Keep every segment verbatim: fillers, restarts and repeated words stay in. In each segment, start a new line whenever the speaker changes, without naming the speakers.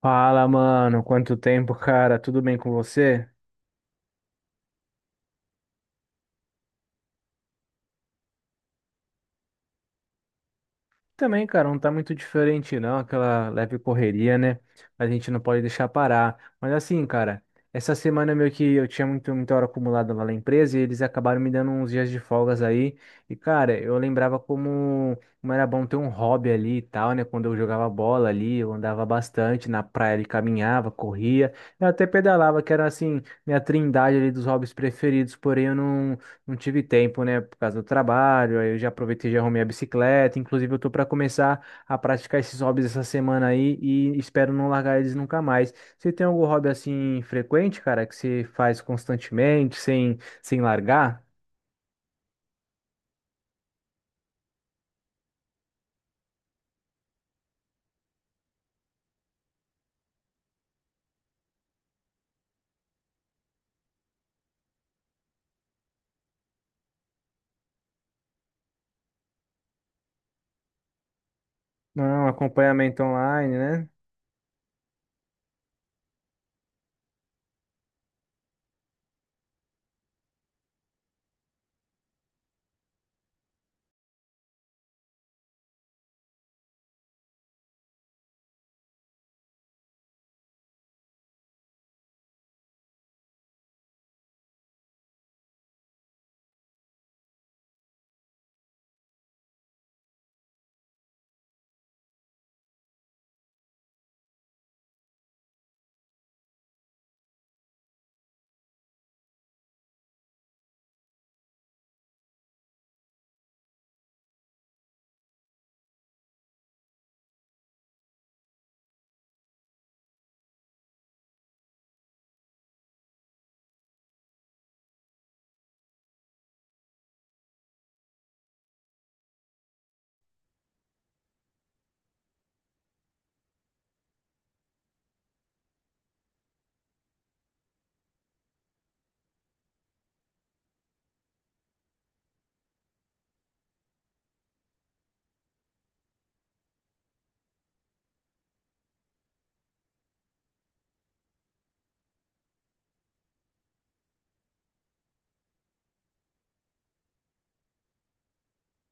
Fala, mano, quanto tempo, cara? Tudo bem com você? Também, cara, não tá muito diferente, não, aquela leve correria, né? A gente não pode deixar parar. Mas assim, cara, essa semana meio que eu tinha muito, muita hora acumulada lá na empresa e eles acabaram me dando uns dias de folgas aí. E, cara, eu lembrava como, como era bom ter um hobby ali e tal, né? Quando eu jogava bola ali, eu andava bastante na praia, ele caminhava, corria, eu até pedalava, que era assim, minha trindade ali dos hobbies preferidos, porém eu não. Não tive tempo, né, por causa do trabalho, aí eu já aproveitei e já arrumei a bicicleta, inclusive eu tô para começar a praticar esses hobbies essa semana aí e espero não largar eles nunca mais. Você tem algum hobby assim frequente, cara, que você faz constantemente, sem sem largar? Não, acompanhamento online, né?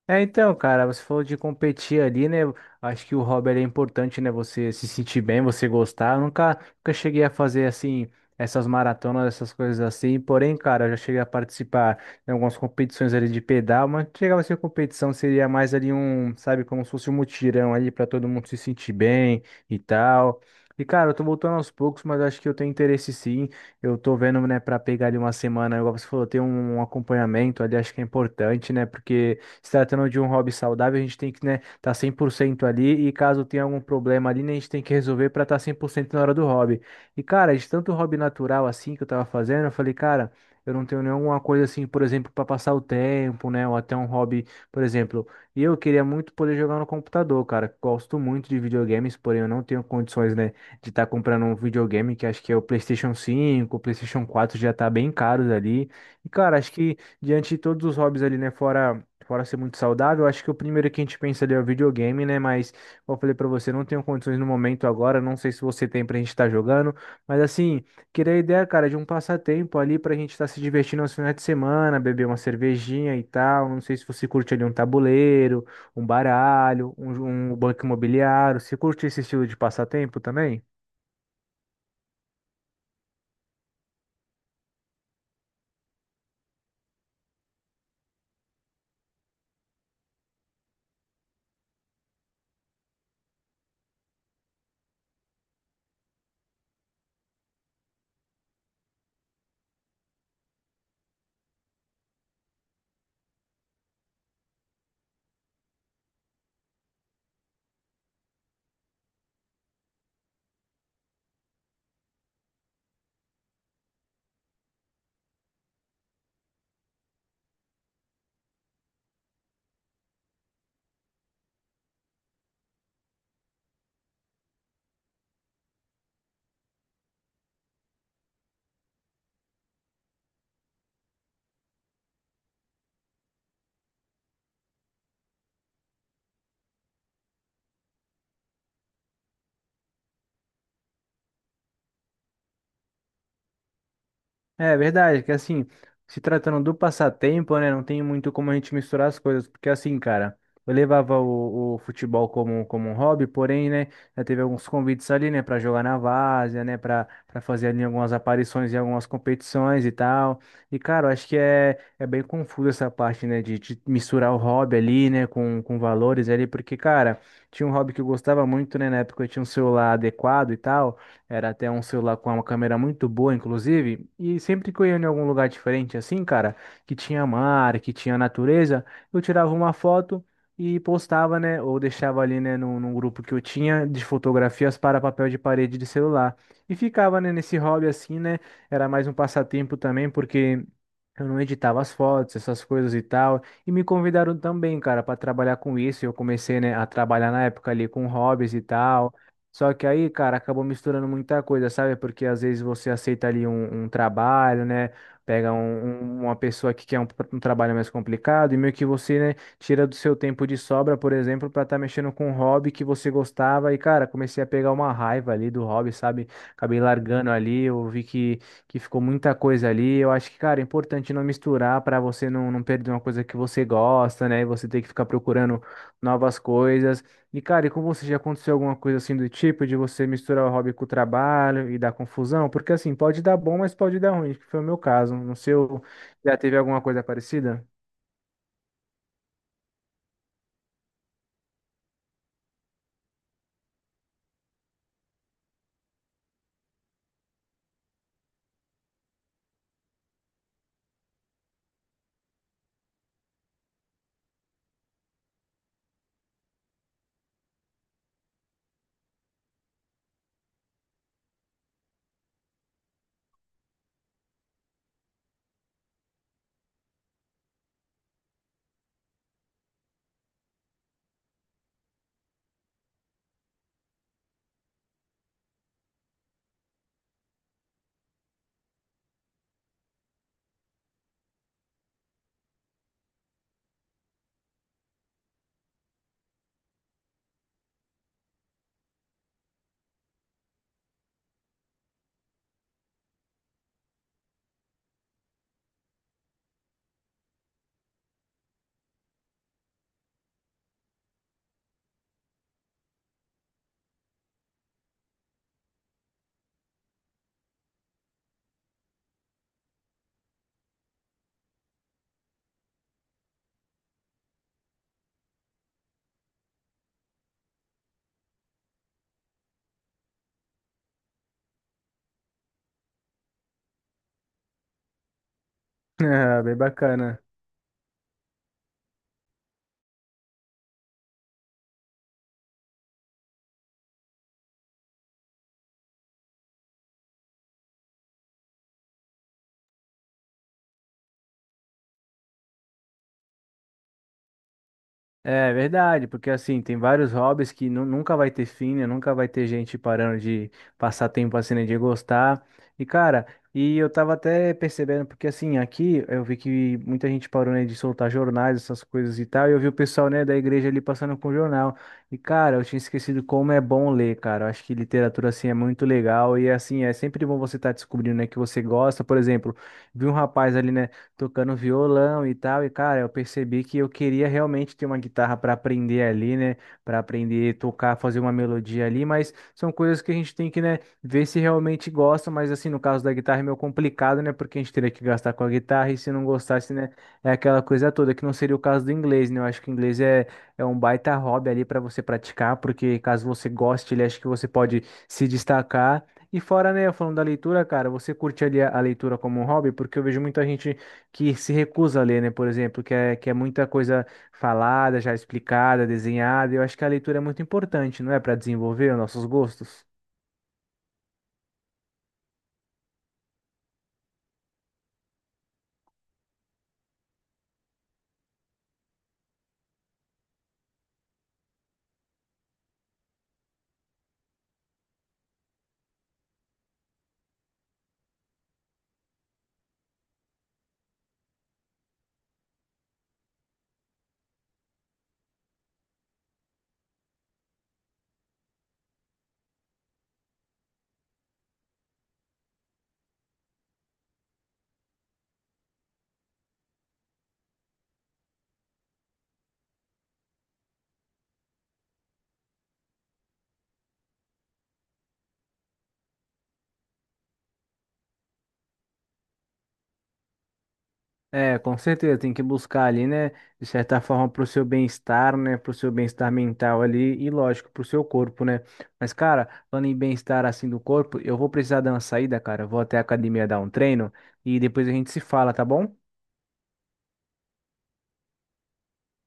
É, então, cara, você falou de competir ali, né? Acho que o hobby ele é importante, né? Você se sentir bem, você gostar. Eu nunca, nunca cheguei a fazer assim essas maratonas, essas coisas assim. Porém, cara, eu já cheguei a participar em algumas competições ali de pedal, mas não chegava a ser competição, seria mais ali um, sabe, como se fosse um mutirão ali para todo mundo se sentir bem e tal. E, cara, eu tô voltando aos poucos, mas eu acho que eu tenho interesse sim. Eu tô vendo, né, pra pegar ali uma semana, igual você falou, ter um um acompanhamento ali, acho que é importante, né? Porque se tratando de um hobby saudável, a gente tem que, né, tá cem por cento ali e caso tenha algum problema ali, né, a gente tem que resolver para estar cem por cento na hora do hobby. E, cara, de tanto hobby natural assim que eu tava fazendo, eu falei, cara, eu não tenho nenhuma coisa assim, por exemplo, para passar o tempo, né, ou até um hobby, por exemplo, e eu queria muito poder jogar no computador, cara. Gosto muito de videogames, porém eu não tenho condições, né, de estar comprando um videogame que acho que é o PlayStation cinco o PlayStation quatro já tá bem caros ali. E, cara, acho que diante de todos os hobbies ali, né, fora. Fora ser muito saudável, acho que o primeiro que a gente pensa ali é o videogame, né? Mas, como eu falei pra você, não tenho condições no momento agora, não sei se você tem pra gente estar jogando, mas assim, queria a ideia, cara, de um passatempo ali pra gente estar se divertindo aos finais de semana, beber uma cervejinha e tal. Não sei se você curte ali um tabuleiro, um baralho, um, jo- um banco imobiliário. Você curte esse estilo de passatempo também? É verdade, que assim, se tratando do passatempo, né, não tem muito como a gente misturar as coisas, porque assim, cara, eu levava o, o futebol como, como um hobby, porém, né, já teve alguns convites ali, né, pra jogar na várzea, né, pra, pra fazer ali algumas aparições em algumas competições e tal. E, cara, eu acho que é, é bem confuso essa parte, né, de, de misturar o hobby ali, né, com, com valores ali, porque, cara, tinha um hobby que eu gostava muito, né, na época eu tinha um celular adequado e tal. Era até um celular com uma câmera muito boa, inclusive. E sempre que eu ia em algum lugar diferente, assim, cara, que tinha mar, que tinha natureza, eu tirava uma foto e postava, né? Ou deixava ali, né, num, num grupo que eu tinha de fotografias para papel de parede de celular. E ficava, né, nesse hobby assim, né? Era mais um passatempo também, porque. Eu não editava as fotos, essas coisas e tal. E me convidaram também, cara, para trabalhar com isso. Eu comecei, né, a trabalhar na época ali com hobbies e tal. Só que aí, cara, acabou misturando muita coisa, sabe? Porque às vezes você aceita ali um, um trabalho, né? Pega um- um- uma pessoa que quer um, um trabalho mais complicado e meio que você, né, tira do seu tempo de sobra, por exemplo, pra estar mexendo com um hobby que você gostava. E, cara, comecei a pegar uma raiva ali do hobby, sabe? Acabei largando ali, eu vi que, que ficou muita coisa ali. Eu acho que, cara, é importante não misturar pra você não, não perder uma coisa que você gosta, né? E você ter que ficar procurando novas coisas. E, cara, e com você já aconteceu alguma coisa assim do tipo de você misturar o hobby com o trabalho e dar confusão? Porque assim, pode dar bom, mas pode dar ruim, que foi o meu caso. No seu, já teve alguma coisa parecida? Ah, bem bacana. É verdade, porque assim, tem vários hobbies que nu- nunca vai ter fim, né? Nunca vai ter gente parando de passar tempo assim, né? De gostar. E cara, e eu tava até percebendo, porque assim, aqui eu vi que muita gente parou, né, de soltar jornais, essas coisas e tal, e eu vi o pessoal, né, da igreja ali passando com o jornal. E cara, eu tinha esquecido como é bom ler, cara. Eu acho que literatura assim é muito legal e assim, é sempre bom você estar descobrindo, né, que você gosta. Por exemplo, vi um rapaz ali, né? Tocando violão e tal. E, cara, eu percebi que eu queria realmente ter uma guitarra para aprender ali, né? Para aprender a tocar, fazer uma melodia ali, mas são coisas que a gente tem que, né, ver se realmente gosta. Mas, assim, no caso da guitarra é meio complicado, né? Porque a gente teria que gastar com a guitarra e se não gostasse, né? É aquela coisa toda, que não seria o caso do inglês, né? Eu acho que o inglês é, é um baita hobby ali para você praticar, porque caso você goste, ele acha que você pode se destacar. E fora, né, falando da leitura, cara, você curte ali a, a leitura como um hobby? Porque eu vejo muita gente que se recusa a ler, né? Por exemplo, que é, que é muita coisa falada, já explicada, desenhada. Eu acho que a leitura é muito importante, não é? Para desenvolver os nossos gostos. É, com certeza, tem que buscar ali, né? De certa forma, para o seu bem-estar, né? Para o seu bem-estar mental ali e, lógico, para o seu corpo, né? Mas, cara, falando em bem-estar assim do corpo, eu vou precisar dar uma saída, cara. Eu vou até a academia dar um treino e depois a gente se fala, tá bom?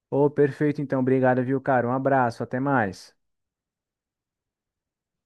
Ô, perfeito, então. Obrigado, viu, cara? Um abraço, até mais.